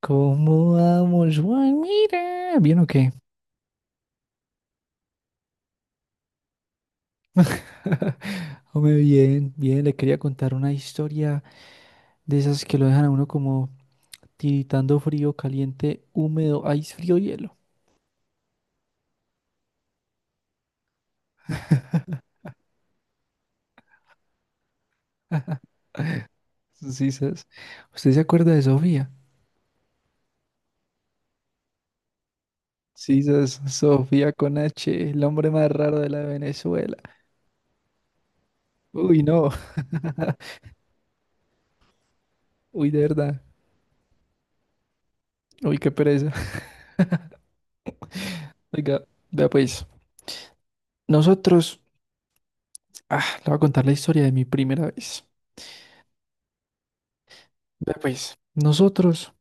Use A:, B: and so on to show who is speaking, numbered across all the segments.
A: ¿Cómo vamos, Juan? Mira, ¿bien o qué? Hombre, bien, bien, le quería contar una historia de esas que lo dejan a uno como tiritando frío, caliente, húmedo, ice, frío, hielo. Sí, ¿sabes? ¿Usted se acuerda de Sofía? Sí, ¿sabes? Sofía con H, el hombre más raro de la Venezuela. Uy, no, uy, de verdad, uy, qué pereza. Oiga, vea pues, nosotros, le voy a contar la historia de mi primera vez. Vea pues, nosotros.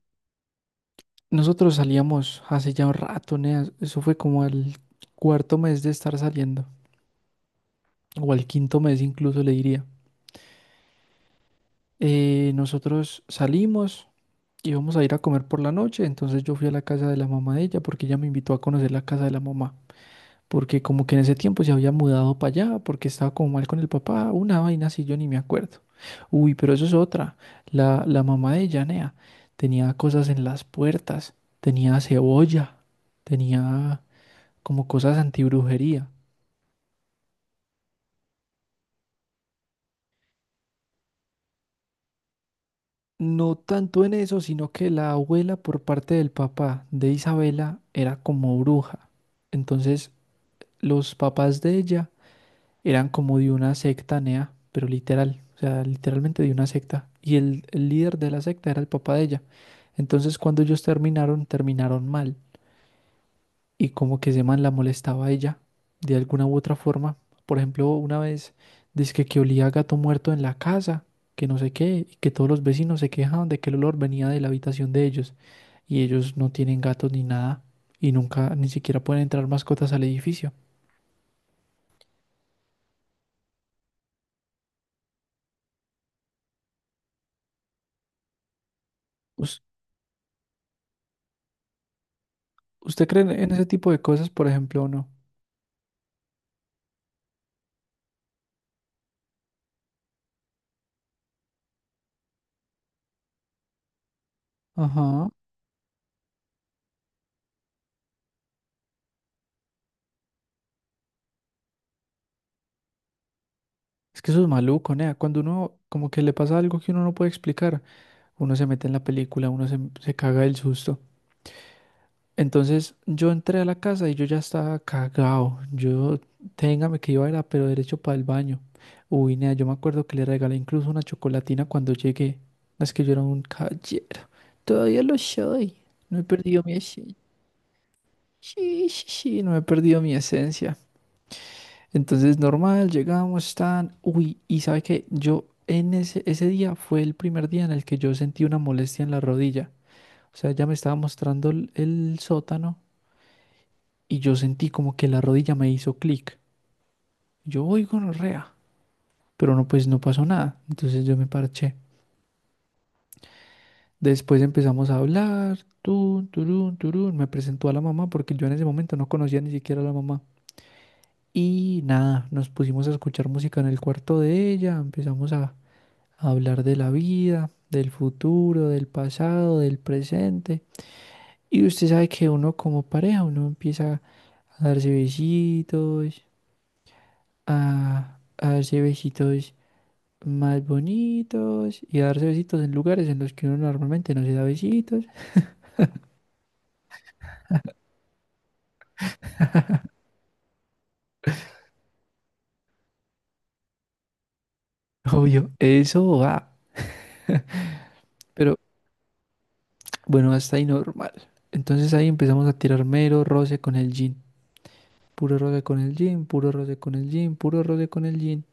A: Nosotros salíamos hace ya un rato, Nea. Eso fue como al cuarto mes de estar saliendo, o al quinto mes incluso le diría. Nosotros salimos, íbamos a ir a comer por la noche, entonces yo fui a la casa de la mamá de ella porque ella me invitó a conocer la casa de la mamá, porque como que en ese tiempo se había mudado para allá, porque estaba como mal con el papá, una vaina así, yo ni me acuerdo. Uy, pero eso es otra. La mamá de ella, Nea, tenía cosas en las puertas, tenía cebolla, tenía como cosas antibrujería. No tanto en eso, sino que la abuela por parte del papá de Isabela era como bruja. Entonces, los papás de ella eran como de una secta nea, pero literal, o sea, literalmente de una secta. Y el líder de la secta era el papá de ella. Entonces, cuando ellos terminaron, terminaron mal. Y como que ese man la molestaba a ella de alguna u otra forma. Por ejemplo, una vez dice que olía a gato muerto en la casa, que no sé qué, y que todos los vecinos se quejaban de que el olor venía de la habitación de ellos y ellos no tienen gatos ni nada y nunca ni siquiera pueden entrar mascotas al edificio. ¿Us- ¿Usted cree en ese tipo de cosas, por ejemplo, o no? Ajá. Es que eso es maluco, nea. Cuando uno como que le pasa algo que uno no puede explicar, uno se mete en la película, uno se caga del susto. Entonces yo entré a la casa y yo ya estaba cagado. Yo, téngame que iba a ir a pero derecho para el baño. Uy, nea, yo me acuerdo que le regalé incluso una chocolatina cuando llegué. Es que yo era un caballero. Todavía lo soy. No he perdido mi esencia. Sí, sí, sí, no he perdido mi esencia. Entonces, normal, llegamos, tan. Uy, y sabe que yo en ese día fue el primer día en el que yo sentí una molestia en la rodilla. O sea, ya me estaba mostrando el sótano. Y yo sentí como que la rodilla me hizo clic. Yo, uy, gonorrea, pero no, pues no pasó nada. Entonces yo me parché. Después empezamos a hablar, tun, turun, turun. Me presentó a la mamá porque yo en ese momento no conocía ni siquiera a la mamá. Y nada, nos pusimos a escuchar música en el cuarto de ella, empezamos a hablar de la vida, del futuro, del pasado, del presente. Y usted sabe que uno como pareja, uno empieza a darse besitos, a darse besitos más bonitos y darse besitos en lugares en los que uno normalmente no se da besitos. Obvio, eso va. Pero bueno, hasta ahí normal. Entonces ahí empezamos a tirar mero roce con el jean. Puro roce con el jean, puro roce con el jean, puro roce con el jean.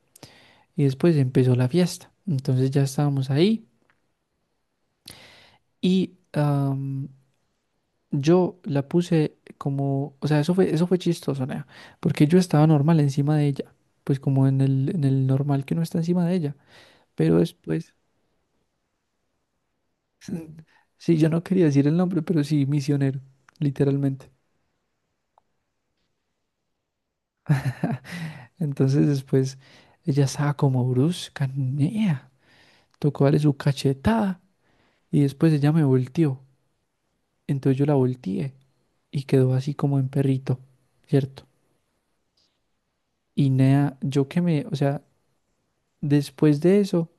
A: Y después empezó la fiesta. Entonces ya estábamos ahí y yo la puse como, o sea, eso fue chistoso, nea, porque yo estaba normal encima de ella. Pues como en en el normal que no está encima de ella. Pero después... Sí, yo no quería decir el nombre, pero sí, misionero, literalmente. Entonces después ella estaba como brusca, nea, tocó darle su cachetada y después ella me volteó. Entonces yo la volteé y quedó así como en perrito, ¿cierto? Y nea, yo que me, o sea, después de eso,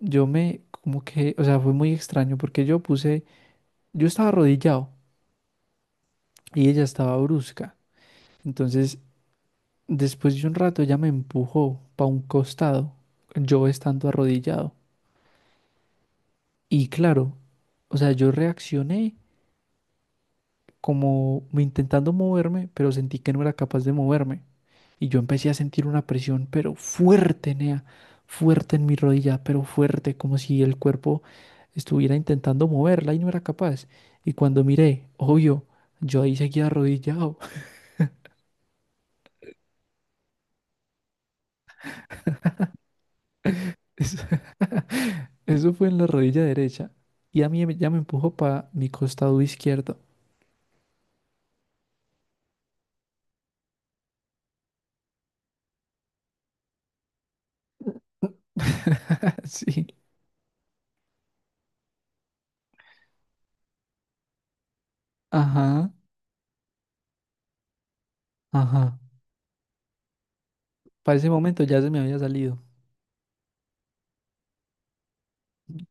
A: yo me, como que, o sea, fue muy extraño porque yo puse, yo estaba arrodillado y ella estaba brusca. Entonces, después de un rato, ella me empujó para un costado, yo estando arrodillado. Y claro, o sea, yo reaccioné como intentando moverme, pero sentí que no era capaz de moverme. Y yo empecé a sentir una presión, pero fuerte, Nea, fuerte en mi rodilla, pero fuerte, como si el cuerpo estuviera intentando moverla y no era capaz. Y cuando miré, obvio, yo ahí seguía arrodillado. Eso, eso fue en la rodilla derecha y a mí ya me empujó para mi costado izquierdo. Sí, ajá, ajá. Para ese momento ya se me había salido.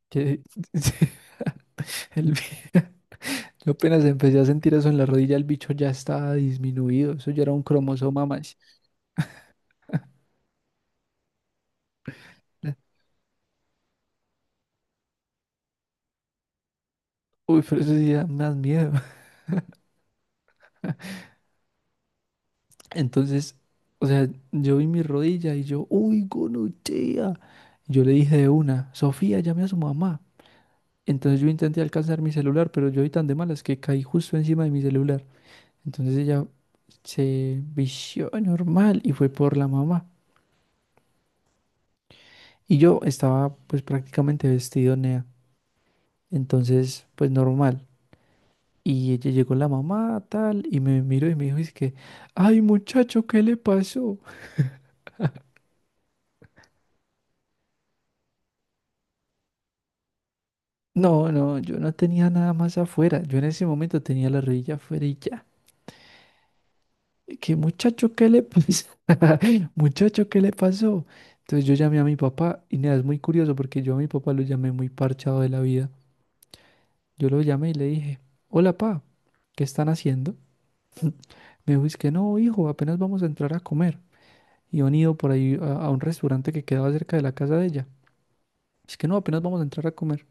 A: Que- sí, el bi- Yo apenas empecé a sentir eso en la rodilla, el bicho ya estaba disminuido. Eso ya era un cromosoma más. Uy, pero eso sí da más miedo. Entonces, o sea, yo vi mi rodilla y yo, uy, gonorrea. Yo le dije de una: Sofía, llame a su mamá. Entonces yo intenté alcanzar mi celular, pero yo vi tan de malas que caí justo encima de mi celular. Entonces ella se vició normal y fue por la mamá. Y yo estaba pues prácticamente vestido nea. Entonces pues normal. Y ella llegó, la mamá tal, y me miró y me dijo: es que, ay, muchacho, ¿qué le pasó? No, no, yo no tenía nada más afuera. Yo en ese momento tenía la rodilla afuera y ya. ¿Qué, muchacho, qué le pasó? Muchacho, ¿qué le pasó? Entonces yo llamé a mi papá y nada, es muy curioso porque yo a mi papá lo llamé muy parchado de la vida. Yo lo llamé y le dije, hola, pa, ¿qué están haciendo? Me dijo, es que no, hijo, apenas vamos a entrar a comer. Y han ido por ahí a un restaurante que quedaba cerca de la casa de ella. Es que no, apenas vamos a entrar a comer.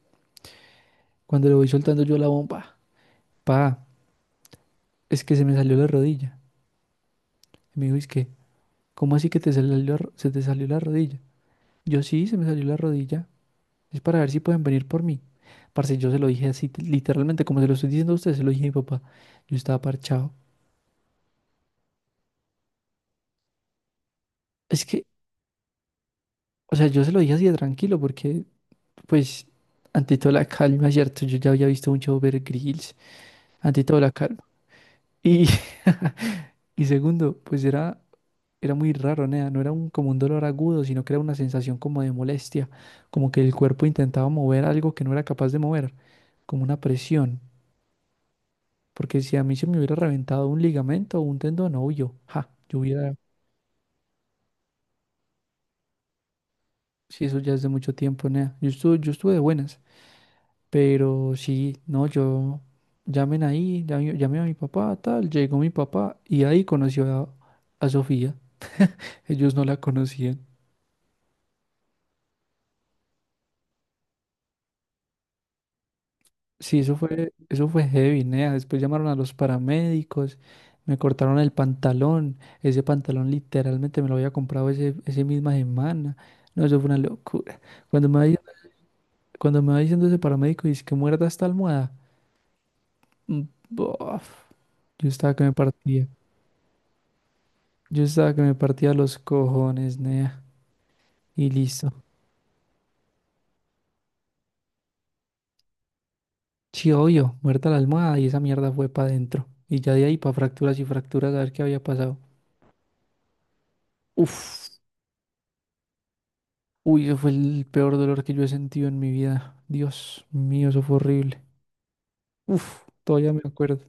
A: Cuando le voy soltando yo la bomba, pa, es que se me salió la rodilla. Y me dijo, es que, ¿cómo así que te salió la ro- se te salió la rodilla? Yo sí, se me salió la rodilla. Es para ver si pueden venir por mí. Parce, yo se lo dije así, literalmente, como se lo estoy diciendo a usted, se lo dije a mi papá. Yo estaba parchado. Es que, o sea, yo se lo dije así de tranquilo, porque, pues, ante toda la calma, ¿cierto? Yo ya había visto mucho Overgrills, ante toda la calma. Y, y segundo, pues era, muy raro, nea, no era un, como un dolor agudo, sino que era una sensación como de molestia, como que el cuerpo intentaba mover algo que no era capaz de mover, como una presión. Porque si a mí se me hubiera reventado un ligamento o un tendón, no, yo, ja, yo hubiera, sí, eso ya es de mucho tiempo, nea. Yo estuve de buenas, pero sí, no, yo, llamé a mi papá, tal, llegó mi papá y ahí conoció a Sofía, ellos no la conocían. Sí, eso fue heavy, nea. Después llamaron a los paramédicos, me cortaron el pantalón, ese pantalón literalmente me lo había comprado ese misma semana. No, eso fue una locura. Cuando me, vaya- Cuando me va diciendo ese paramédico, dice que muerda esta almohada. Mm, bof. Yo estaba que me partía. Yo estaba que me partía los cojones, nea. Y listo. Sí, obvio, muerta la almohada y esa mierda fue para adentro. Y ya de ahí para fracturas y fracturas a ver qué había pasado. Uf. Uy, eso fue el peor dolor que yo he sentido en mi vida. Dios mío, eso fue horrible. Uf, todavía me acuerdo.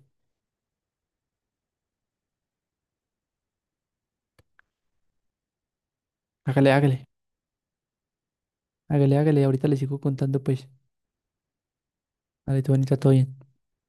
A: Hágale, hágale. Hágale, hágale. Ahorita le sigo contando, pues. Dale, tu bonita, todo bien.